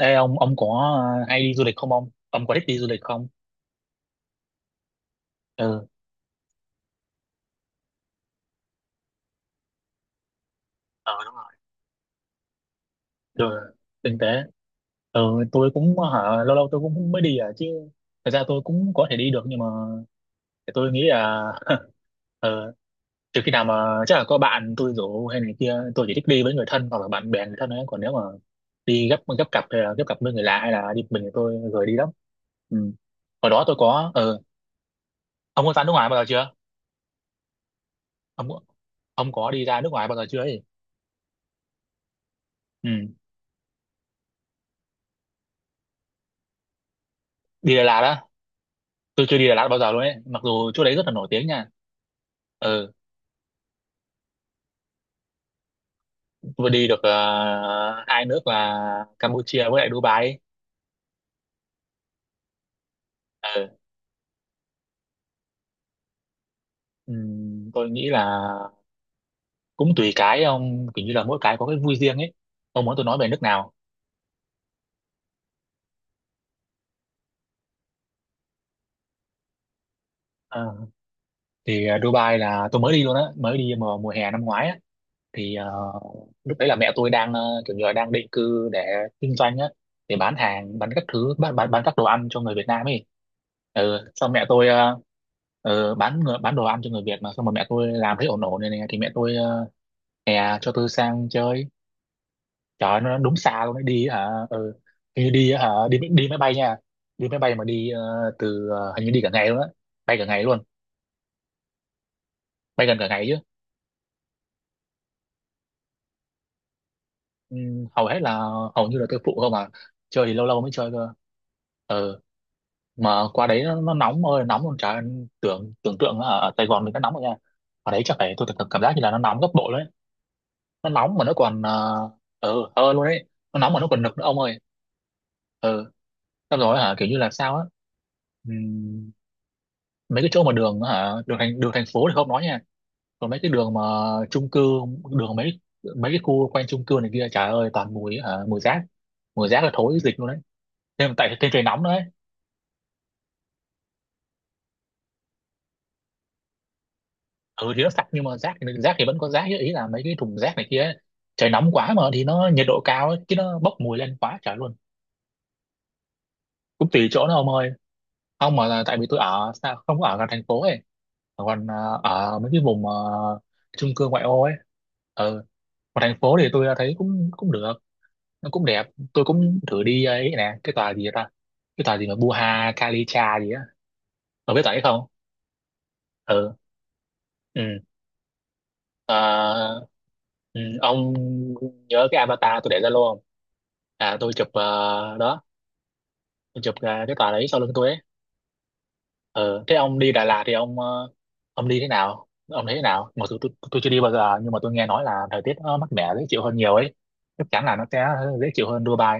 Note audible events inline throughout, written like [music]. Ê ông có hay đi du lịch không ông? Ông có thích đi du lịch không? Ừ, ờ đúng rồi. Được, kinh tế. Ừ, tôi cũng hả, lâu lâu tôi cũng mới đi à chứ. Thật ra tôi cũng có thể đi được nhưng mà tôi nghĩ là [laughs] ờ, trừ khi nào mà chắc là có bạn tôi rủ hay này kia, tôi chỉ thích đi với người thân hoặc là bạn bè người thân ấy. Còn nếu mà đi gấp gấp cặp hay là gấp cặp với người lạ hay là đi một mình thì tôi lười đi lắm. Ừ. Hồi đó tôi có, ừ. Ông có ra nước ngoài bao giờ chưa? Ông ông có đi ra nước ngoài bao giờ chưa ấy? Ừ. Đi Đà Lạt á, tôi chưa đi Đà Lạt bao giờ luôn ấy mặc dù chỗ đấy rất là nổi tiếng nha. Ừ, vừa đi được hai nước là Campuchia với lại Dubai ấy. Ừ. Tôi nghĩ là cũng tùy cái ông, kiểu như là mỗi cái có cái vui riêng ấy. Ông muốn tôi nói về nước nào? Ờ, thì Dubai là tôi mới đi luôn á, mới đi mùa mùa hè năm ngoái á. Thì lúc đấy là mẹ tôi đang kiểu như là đang định cư để kinh doanh á, để bán hàng, bán các thứ, bán các đồ ăn cho người Việt Nam ấy. Ừ, xong mẹ tôi bán đồ ăn cho người Việt. Mà xong rồi mẹ tôi làm thấy ổn ổn này, này, thì mẹ tôi hè cho tôi sang chơi. Trời ơi, nó đúng xa luôn đấy, đi hả, ừ. Hình như đi hả, đi đi máy bay nha. Đi máy bay mà đi từ hình như đi cả ngày luôn á. Bay cả ngày luôn. Bay gần cả ngày chứ. Ừ, hầu hết là hầu như là tôi phụ không à, chơi thì lâu lâu mới chơi cơ. Ờ mà qua đấy nó nóng ơi nóng luôn chả. Tưởng tưởng tượng là ở ở Sài Gòn mình nó nóng rồi nha. Ở đấy chắc phải, tôi cảm cảm giác như là nó nóng gấp bội đấy. Nó nóng mà nó còn ờ hơn luôn đấy. Nó nóng mà nó còn nực nữa ông ơi. Ờ xong rồi hả, kiểu như là sao á? Ừm, mấy cái chỗ mà đường thành phố thì không nói nha. Còn mấy cái đường mà chung cư, đường mấy mấy cái khu quanh chung cư này kia trời ơi toàn mùi rác. Mùi rác là thối dịch luôn đấy, thêm trời nóng nữa ấy. Ừ thì nó sạch nhưng mà rác thì vẫn có rác chứ, ý là mấy cái thùng rác này kia ấy. Trời nóng quá mà thì nó nhiệt độ cao ấy, chứ nó bốc mùi lên quá trời luôn. Cũng tùy chỗ nó ông ơi, không mà là tại vì tôi ở sao không có ở gần thành phố ấy, còn ở mấy cái vùng chung cư ngoại ô ấy. Ừ, còn thành phố thì tôi thấy cũng cũng được, nó cũng đẹp. Tôi cũng thử đi ấy nè, cái tòa gì ta? Cái tòa gì mà Buha Kalicha gì á. Ông biết tòa ấy không? Ừ. Ừ. Ờ, ừ, ông nhớ cái avatar tôi để ra luôn không? À, đó, tôi chụp cái tòa đấy sau lưng tôi ấy. Ờ, thế ông đi Đà Lạt thì ông đi thế nào? Ông thấy thế nào? Mặc dù tôi chưa đi bao giờ nhưng mà tôi nghe nói là thời tiết nó mát mẻ dễ chịu hơn nhiều ấy. Chắc chắn là nó sẽ dễ chịu hơn Dubai.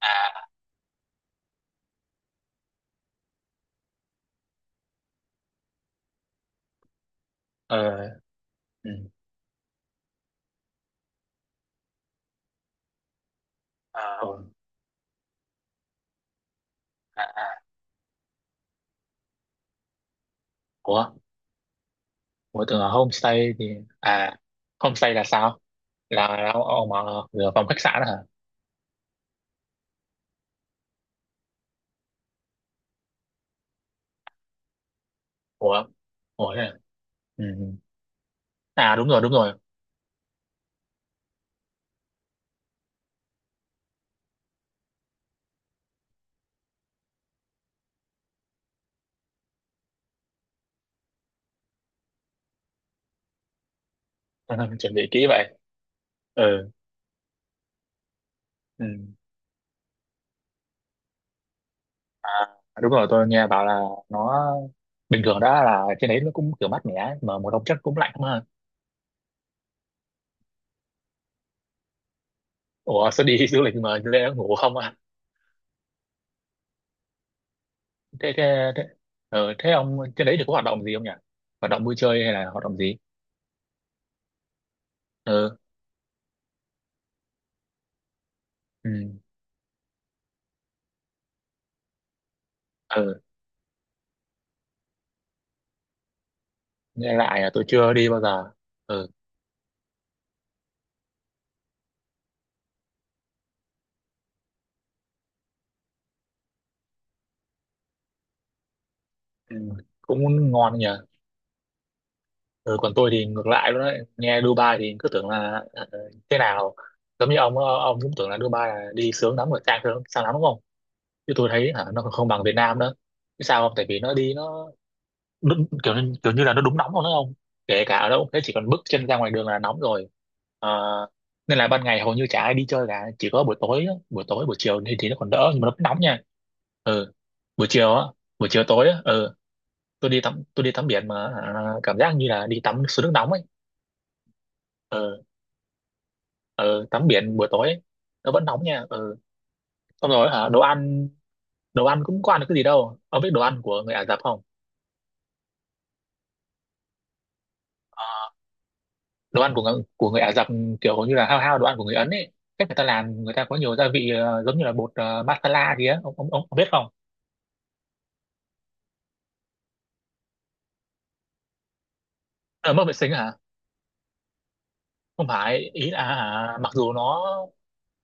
À, ờ, ừ, ờ, à, à. Ủa, Ủa, tưởng là homestay thì à? Homestay là sao? Là ông ở phòng khách sạn đó hả? Ủa, Ủa thế à? Ừ. Ừ. À, đúng rồi, đúng rồi. [laughs] Chuẩn bị kỹ vậy. Ừ, ừ. À, đúng rồi, tôi nghe bảo là nó bình thường đó là trên đấy nó cũng kiểu mát mẻ mà mùa đông chắc cũng lạnh mà. Ủa sao đi [laughs] du lịch mà lẽ ngủ không à? Thế thế thế, ừ, thế ông trên đấy thì có hoạt động gì không nhỉ? Hoạt động vui chơi hay là hoạt động gì? Ừ. Ừ. Ừ. Nghe lại là tôi chưa đi bao giờ. Ừ, ừ. Cũng ngon nhỉ. Ừ, còn tôi thì ngược lại luôn đấy, nghe Dubai thì cứ tưởng là thế nào, giống như ông cũng tưởng là Dubai là đi sướng lắm rồi, sang sướng sang lắm đúng không. Chứ tôi thấy hả, nó còn không bằng Việt Nam nữa. Chứ sao không, tại vì nó đi nó đúng, kiểu như là nó đúng nóng luôn đó không, kể cả ở đâu cũng thế, chỉ cần bước chân ra ngoài đường là nóng rồi. Ờ, nên là ban ngày hầu như chả ai đi chơi cả, chỉ có buổi tối á, buổi tối buổi chiều thì nó còn đỡ nhưng mà nó vẫn nóng nha. Ừ, buổi chiều á, buổi chiều tối á, ừ. Tôi đi tắm biển mà cảm giác như là đi tắm suối nước nóng ấy. Ờ ờ tắm biển buổi tối ấy, nó vẫn nóng nha. Ờ xong rồi hả, đồ ăn, đồ ăn cũng có ăn được cái gì đâu, ông biết đồ ăn của người Ả Rập không? Đồ ăn của người Ả Rập kiểu như là hao hao đồ ăn của người Ấn ấy. Cách người ta làm, người ta có nhiều gia vị giống như là bột masala gì á, ông biết không? Ờ, mất vệ sinh hả? Không phải, ý là hả, mặc dù nó,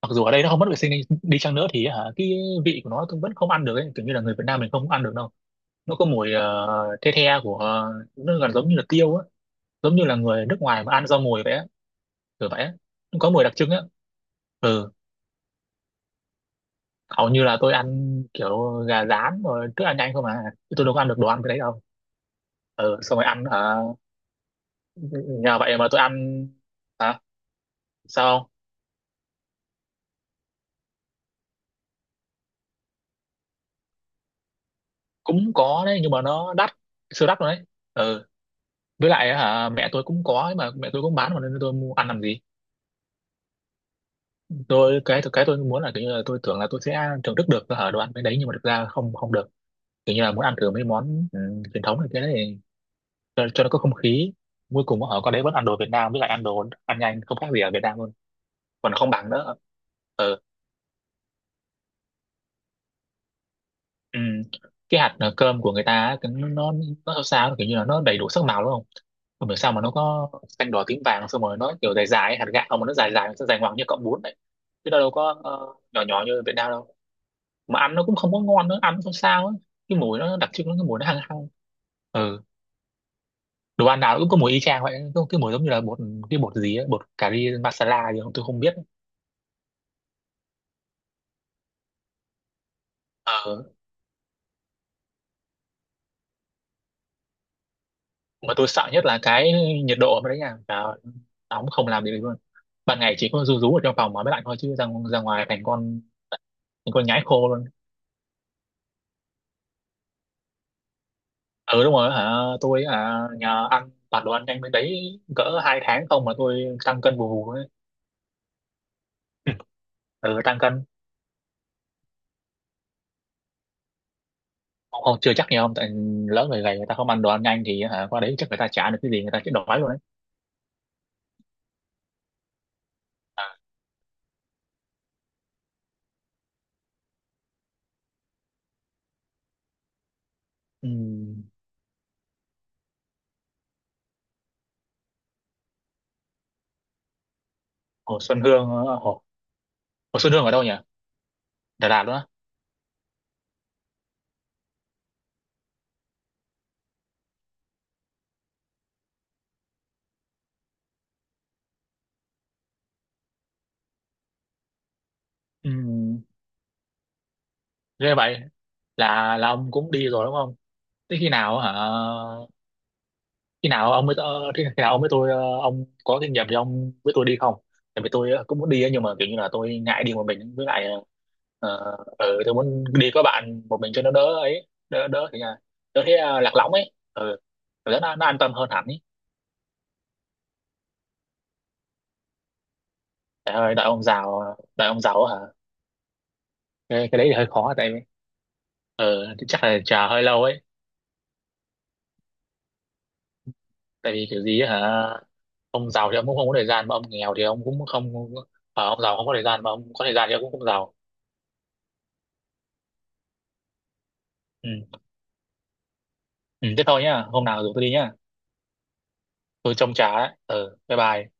mặc dù ở đây nó không mất vệ sinh đi, đi chăng nữa thì hả, cái vị của nó tôi vẫn không ăn được ấy, kiểu như là người Việt Nam mình không ăn được đâu. Nó có mùi the the của nó gần giống như là tiêu á, giống như là người nước ngoài mà ăn rau mùi vậy á. Kiểu vậy á, nó có mùi đặc trưng á. Ừ, hầu như là tôi ăn kiểu gà rán rồi thức ăn nhanh không à, chứ tôi đâu có ăn được đồ ăn cái đấy đâu. Ừ xong rồi ăn hả, nhờ vậy mà tôi ăn. Hả? Sao không? Cũng có đấy nhưng mà nó đắt, siêu đắt luôn đấy. Ừ. Với lại hả, mẹ tôi cũng có ấy mà, mẹ tôi cũng bán mà nên tôi mua ăn làm gì. Tôi cái tôi muốn là kiểu như là tôi tưởng là tôi sẽ thưởng thức được hả đồ ăn cái đấy nhưng mà thực ra không không được. Kiểu như là muốn ăn thử mấy món truyền thống này cái đấy, cho nó có không khí, cuối cùng ở qua đấy vẫn ăn đồ Việt Nam với lại ăn đồ ăn nhanh không khác gì ở Việt Nam luôn, còn không bằng nữa. Ừ. Ừ. Cái hạt cơm của người ta á, nó nó sao sao kiểu như là nó đầy đủ sắc màu đúng không. Không hiểu sao mà nó có xanh đỏ tím vàng xong rồi nó kiểu dài dài ấy, hạt gạo mà nó dài dài nó dài ngoằng như cọng bún đấy, chứ đâu đâu có nhỏ nhỏ như ở Việt Nam đâu. Mà ăn nó cũng không có ngon nữa, ăn nó không sao ấy. Cái mùi nó đặc trưng, nó cái mùi nó hăng hăng. Ừ. Đồ ăn nào cũng có mùi y chang vậy, cái mùi giống như là bột, cái bột gì ấy, bột cà ri masala gì không tôi không biết. Ờ, mà tôi sợ nhất là cái nhiệt độ ở bên đấy nha, và nóng không làm gì được luôn, ban ngày chỉ có rú rú ở trong phòng mà mới lạnh thôi, chứ ra ngoài thành con nhái khô luôn. Ừ đúng rồi hả. Tôi nhờ ăn toàn đồ ăn nhanh bên đấy cỡ 2 tháng không mà tôi tăng cân bù bù ấy. Ừ tăng cân. Không, không, chưa chắc nhiều không, tại lỡ người gầy người ta không ăn đồ ăn nhanh thì hả, qua đấy chắc người ta trả được cái gì người ta chết đói luôn đấy. Ừ. Hồ Xuân Hương Hồ Xuân Hương ở đâu nhỉ? Đà Lạt luôn á? Ừ. Thế vậy là, ông cũng đi rồi đúng không? Thế khi nào hả, khi nào ông mới khi khi nào ông với tôi ông có kinh nghiệm thì ông với tôi đi không? Tại vì tôi cũng muốn đi á, nhưng mà kiểu như là tôi ngại đi một mình với lại ừ, tôi muốn đi có bạn một mình cho nó đỡ ấy, đỡ đỡ thì là đỡ thế lạc lõng ấy, ừ. Cảm giác nó an tâm hơn hẳn ấy. Trời ơi đợi ông giàu, đợi ông giàu á hả, cái đấy thì hơi khó, tại vì ừ, thì chắc là chờ hơi lâu ấy, tại vì kiểu gì ấy hả, ông giàu thì ông cũng không có thời gian mà ông nghèo thì ông cũng không. Ông giàu không có thời gian mà ông có thời gian thì ông cũng không giàu. Ừ. Ừ, thế thôi nhá, hôm nào rủ tôi đi nhá. Tôi trông chả đấy. Ừ, bye bye.